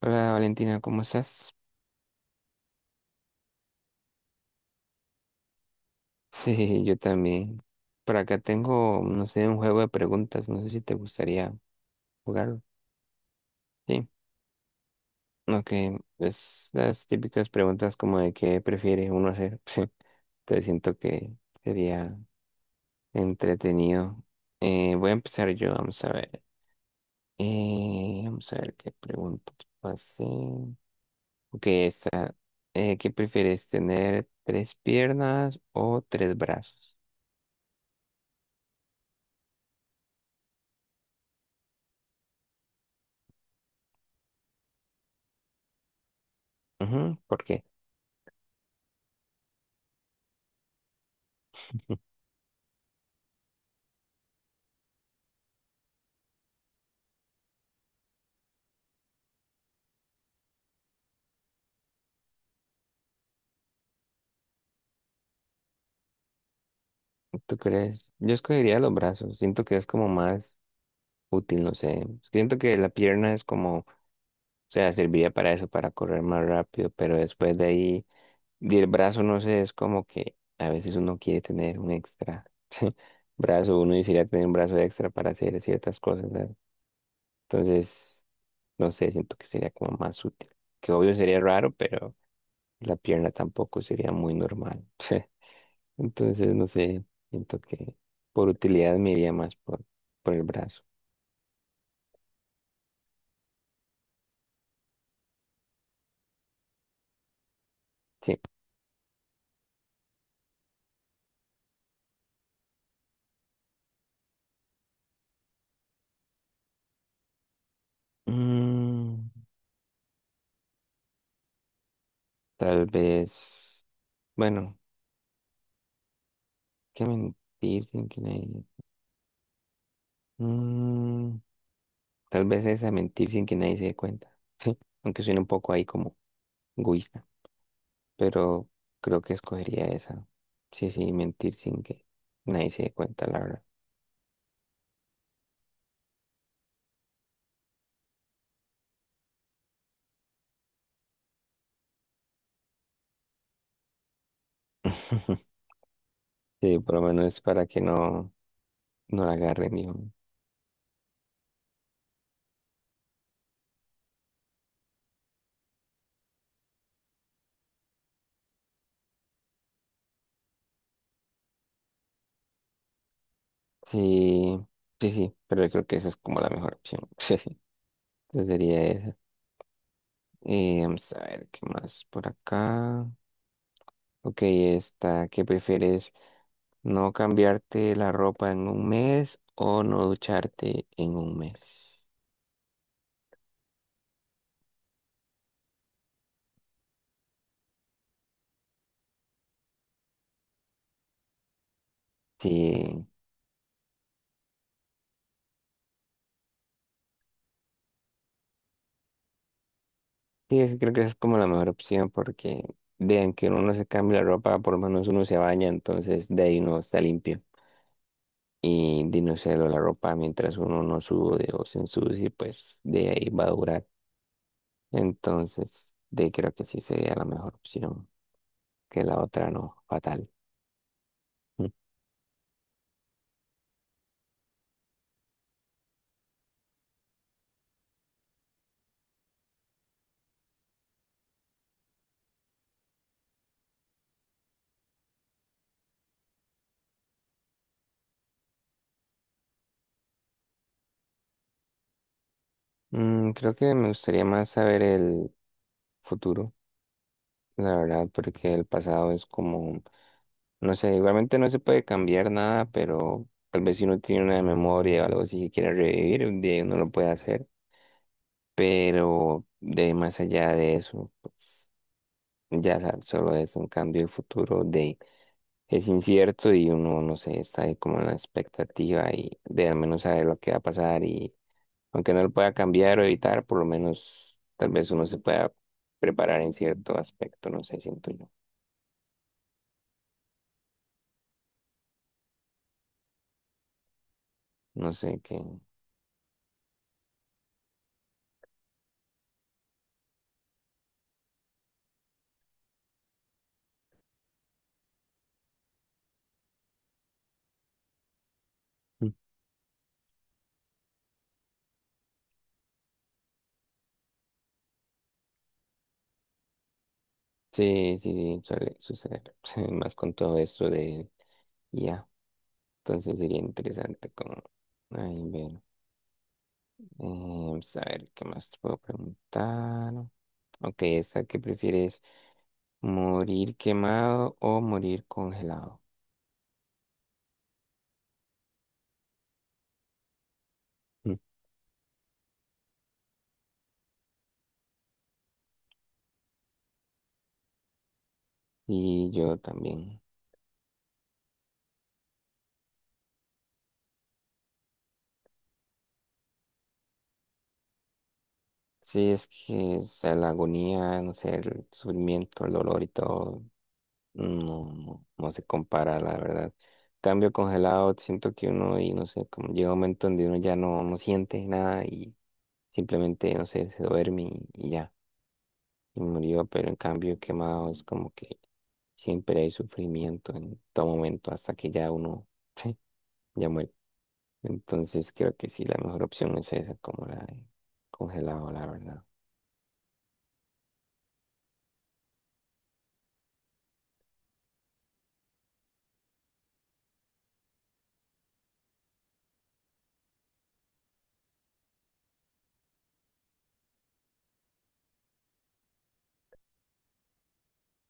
Hola Valentina, ¿cómo estás? Sí, yo también. Por acá tengo, no sé, un juego de preguntas. No sé si te gustaría jugarlo. Sí, ok. Es las típicas preguntas como de qué prefiere uno hacer. Sí, te siento que sería entretenido. Voy a empezar yo, vamos a ver. Vamos a ver qué preguntas pasé. Ok, esta. ¿Qué prefieres, tener tres piernas o tres brazos? Ujú, ¿por qué? ¿Tú crees? Yo escogería los brazos. Siento que es como más útil, no sé. Siento que la pierna es como, o sea, serviría para eso, para correr más rápido, pero después de ahí, y el brazo, no sé, es como que a veces uno quiere tener un extra brazo, uno quisiera tener un brazo extra para hacer ciertas cosas, ¿sabes? Entonces, no sé, siento que sería como más útil. Que obvio sería raro, pero la pierna tampoco sería muy normal. Entonces, no sé, siento que por utilidad me iría más por el brazo. Sí. Mm, tal vez, bueno, qué mentir sin que nadie... Mm, tal vez esa mentir sin que nadie se dé cuenta. Sí, aunque suene un poco ahí como egoísta, pero creo que escogería esa. Sí, sí, mentir sin que nadie se dé cuenta, la verdad. Sí, por lo menos para que no, no la agarren, dijo. Sí, sí, sí, pero yo creo que esa es como la mejor opción. Sí, entonces sería esa. Y vamos a ver qué más por acá. Ok, esta, ¿qué prefieres? ¿No cambiarte la ropa en un mes o no ducharte en un mes? Sí, sí, es- creo que esa es como la mejor opción porque vean que uno no se cambia la ropa, por lo menos uno se baña, entonces de ahí uno está limpio. Y de no se la ropa mientras uno no sude o se ensucie, pues de ahí va a durar. Entonces, de, creo que sí sería la mejor opción, que la otra no, fatal. Mm. Mm, creo que me gustaría más saber el futuro, la verdad, porque el pasado es como, no sé, igualmente no se puede cambiar nada, pero tal vez si uno tiene una memoria o algo así que quiere revivir, un día uno lo puede hacer, pero de más allá de eso, pues ya sabes, solo es un cambio de futuro de es incierto y uno, no sé, está ahí como en la expectativa y de al menos saber lo que va a pasar y aunque no lo pueda cambiar o evitar, por lo menos tal vez uno se pueda preparar en cierto aspecto, no sé, siento yo. No sé qué. Mm. Sí, sí, sí, suele suceder. Sí, más con todo esto de ya. Entonces sería interesante como... Ay, ver. Vamos a ver, ¿qué más te puedo preguntar? Ok, esta, ¿qué prefieres? ¿Morir quemado o morir congelado? Y yo también. Sí, es que o sea, la agonía, no sé, el sufrimiento, el dolor y todo, no, no, no se compara, la verdad. Cambio congelado, siento que uno, y no sé, como llega un momento donde uno ya no, no siente nada y simplemente, no sé, se duerme y ya, y murió, pero en cambio quemado es como que siempre hay sufrimiento en todo momento hasta que ya uno, ya muere. Entonces creo que sí, la mejor opción es esa, como la de congelado, la verdad.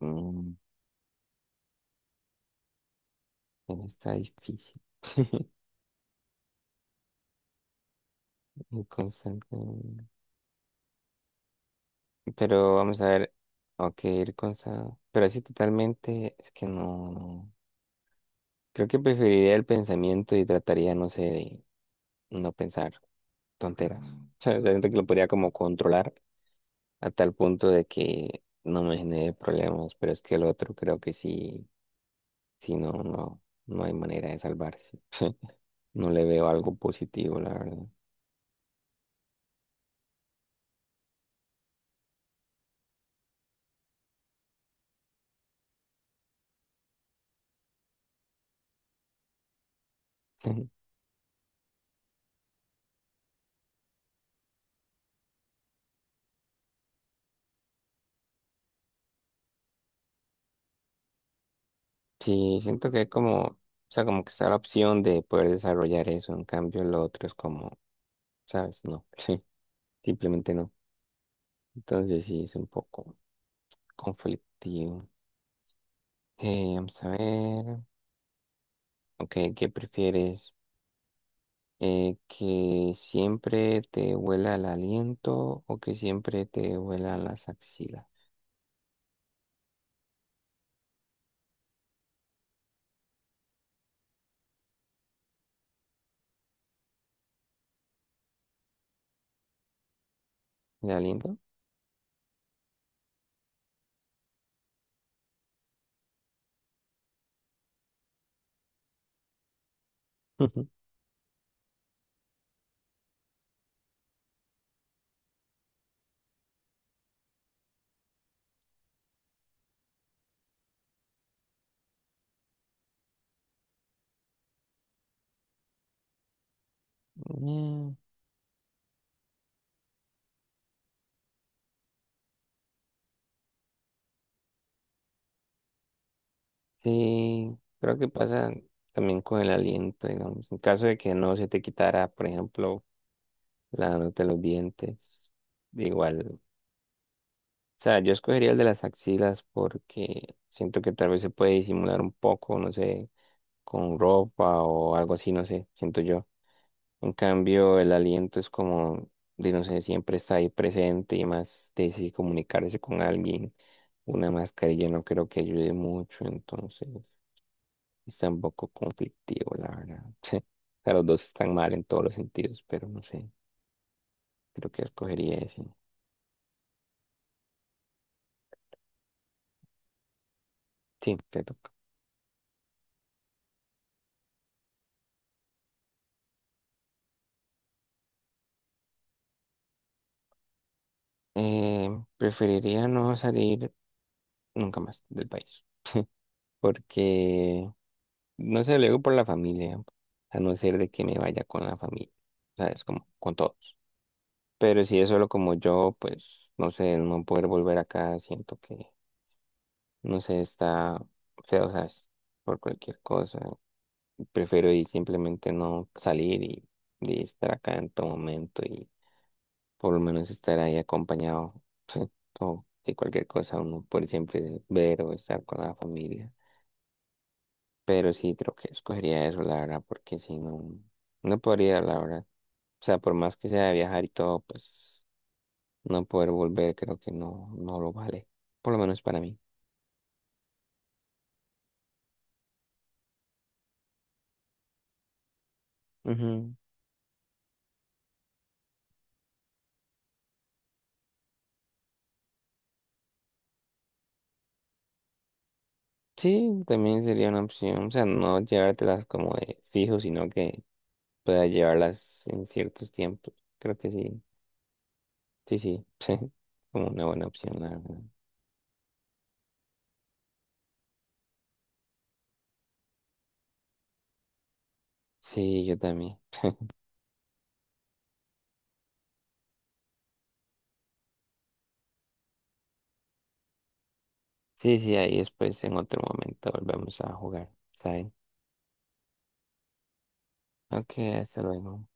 Mm, eso está difícil. Ir con salsa- Pero vamos a ver. Ok, ir con sal. Pero así totalmente es que no. Creo que preferiría el pensamiento y trataría, no sé, de no pensar tonteras. O sea, siento que lo podría como controlar a tal punto de que no me genere problemas. Pero es que el otro creo que sí, sí, no, no, no hay manera de salvarse. No le veo algo positivo, la verdad. Sí, siento que hay como, o sea, como que está la opción de poder desarrollar eso, en cambio lo otro es como, ¿sabes? No, sí, simplemente no. Entonces sí, es un poco conflictivo. Vamos a ver, ok, ¿qué prefieres? ¿Que siempre te huela el aliento o que siempre te huela las axilas? ¿El aliento? Mm, sí, creo que pasa también con el aliento, digamos. En caso de que no se te quitara, por ejemplo, la nota de los dientes. Igual. O sea, yo escogería el de las axilas porque siento que tal vez se puede disimular un poco, no sé, con ropa o algo así, no sé, siento yo. En cambio, el aliento es como, de, no sé, siempre está ahí presente y más de si comunicarse con alguien. Una mascarilla no creo que ayude mucho, entonces está un poco conflictivo, la verdad. O sea, los dos están mal en todos los sentidos, pero no sé, creo que escogería ese. Sí, te toca. Eh, Preferiría no salir nunca más del país, porque no sé, luego por la familia, a no ser de que me vaya con la familia, ¿sabes? Como con todos. Pero si es solo como yo, pues no sé, el no poder volver acá, siento que, no sé, está feo, ¿sabes? Por cualquier cosa. Prefiero ir simplemente no salir y estar acá en todo momento y por lo menos estar ahí acompañado o de cualquier cosa uno puede siempre ver o estar con la familia. Pero sí, creo que escogería eso, la verdad, porque si no, no podría, la verdad. O sea, por más que sea viajar y todo, pues no poder volver creo que no, no lo vale, por lo menos para mí. Ujú. Sí, también sería una opción, o sea, no llevártelas como de fijo, sino que puedas llevarlas en ciertos tiempos. Creo que sí, sí, sí, como una buena opción, la verdad. Sí, yo también. Sí, sí, ahí después en otro momento volvemos a jugar, ¿saben? Ok, hasta luego.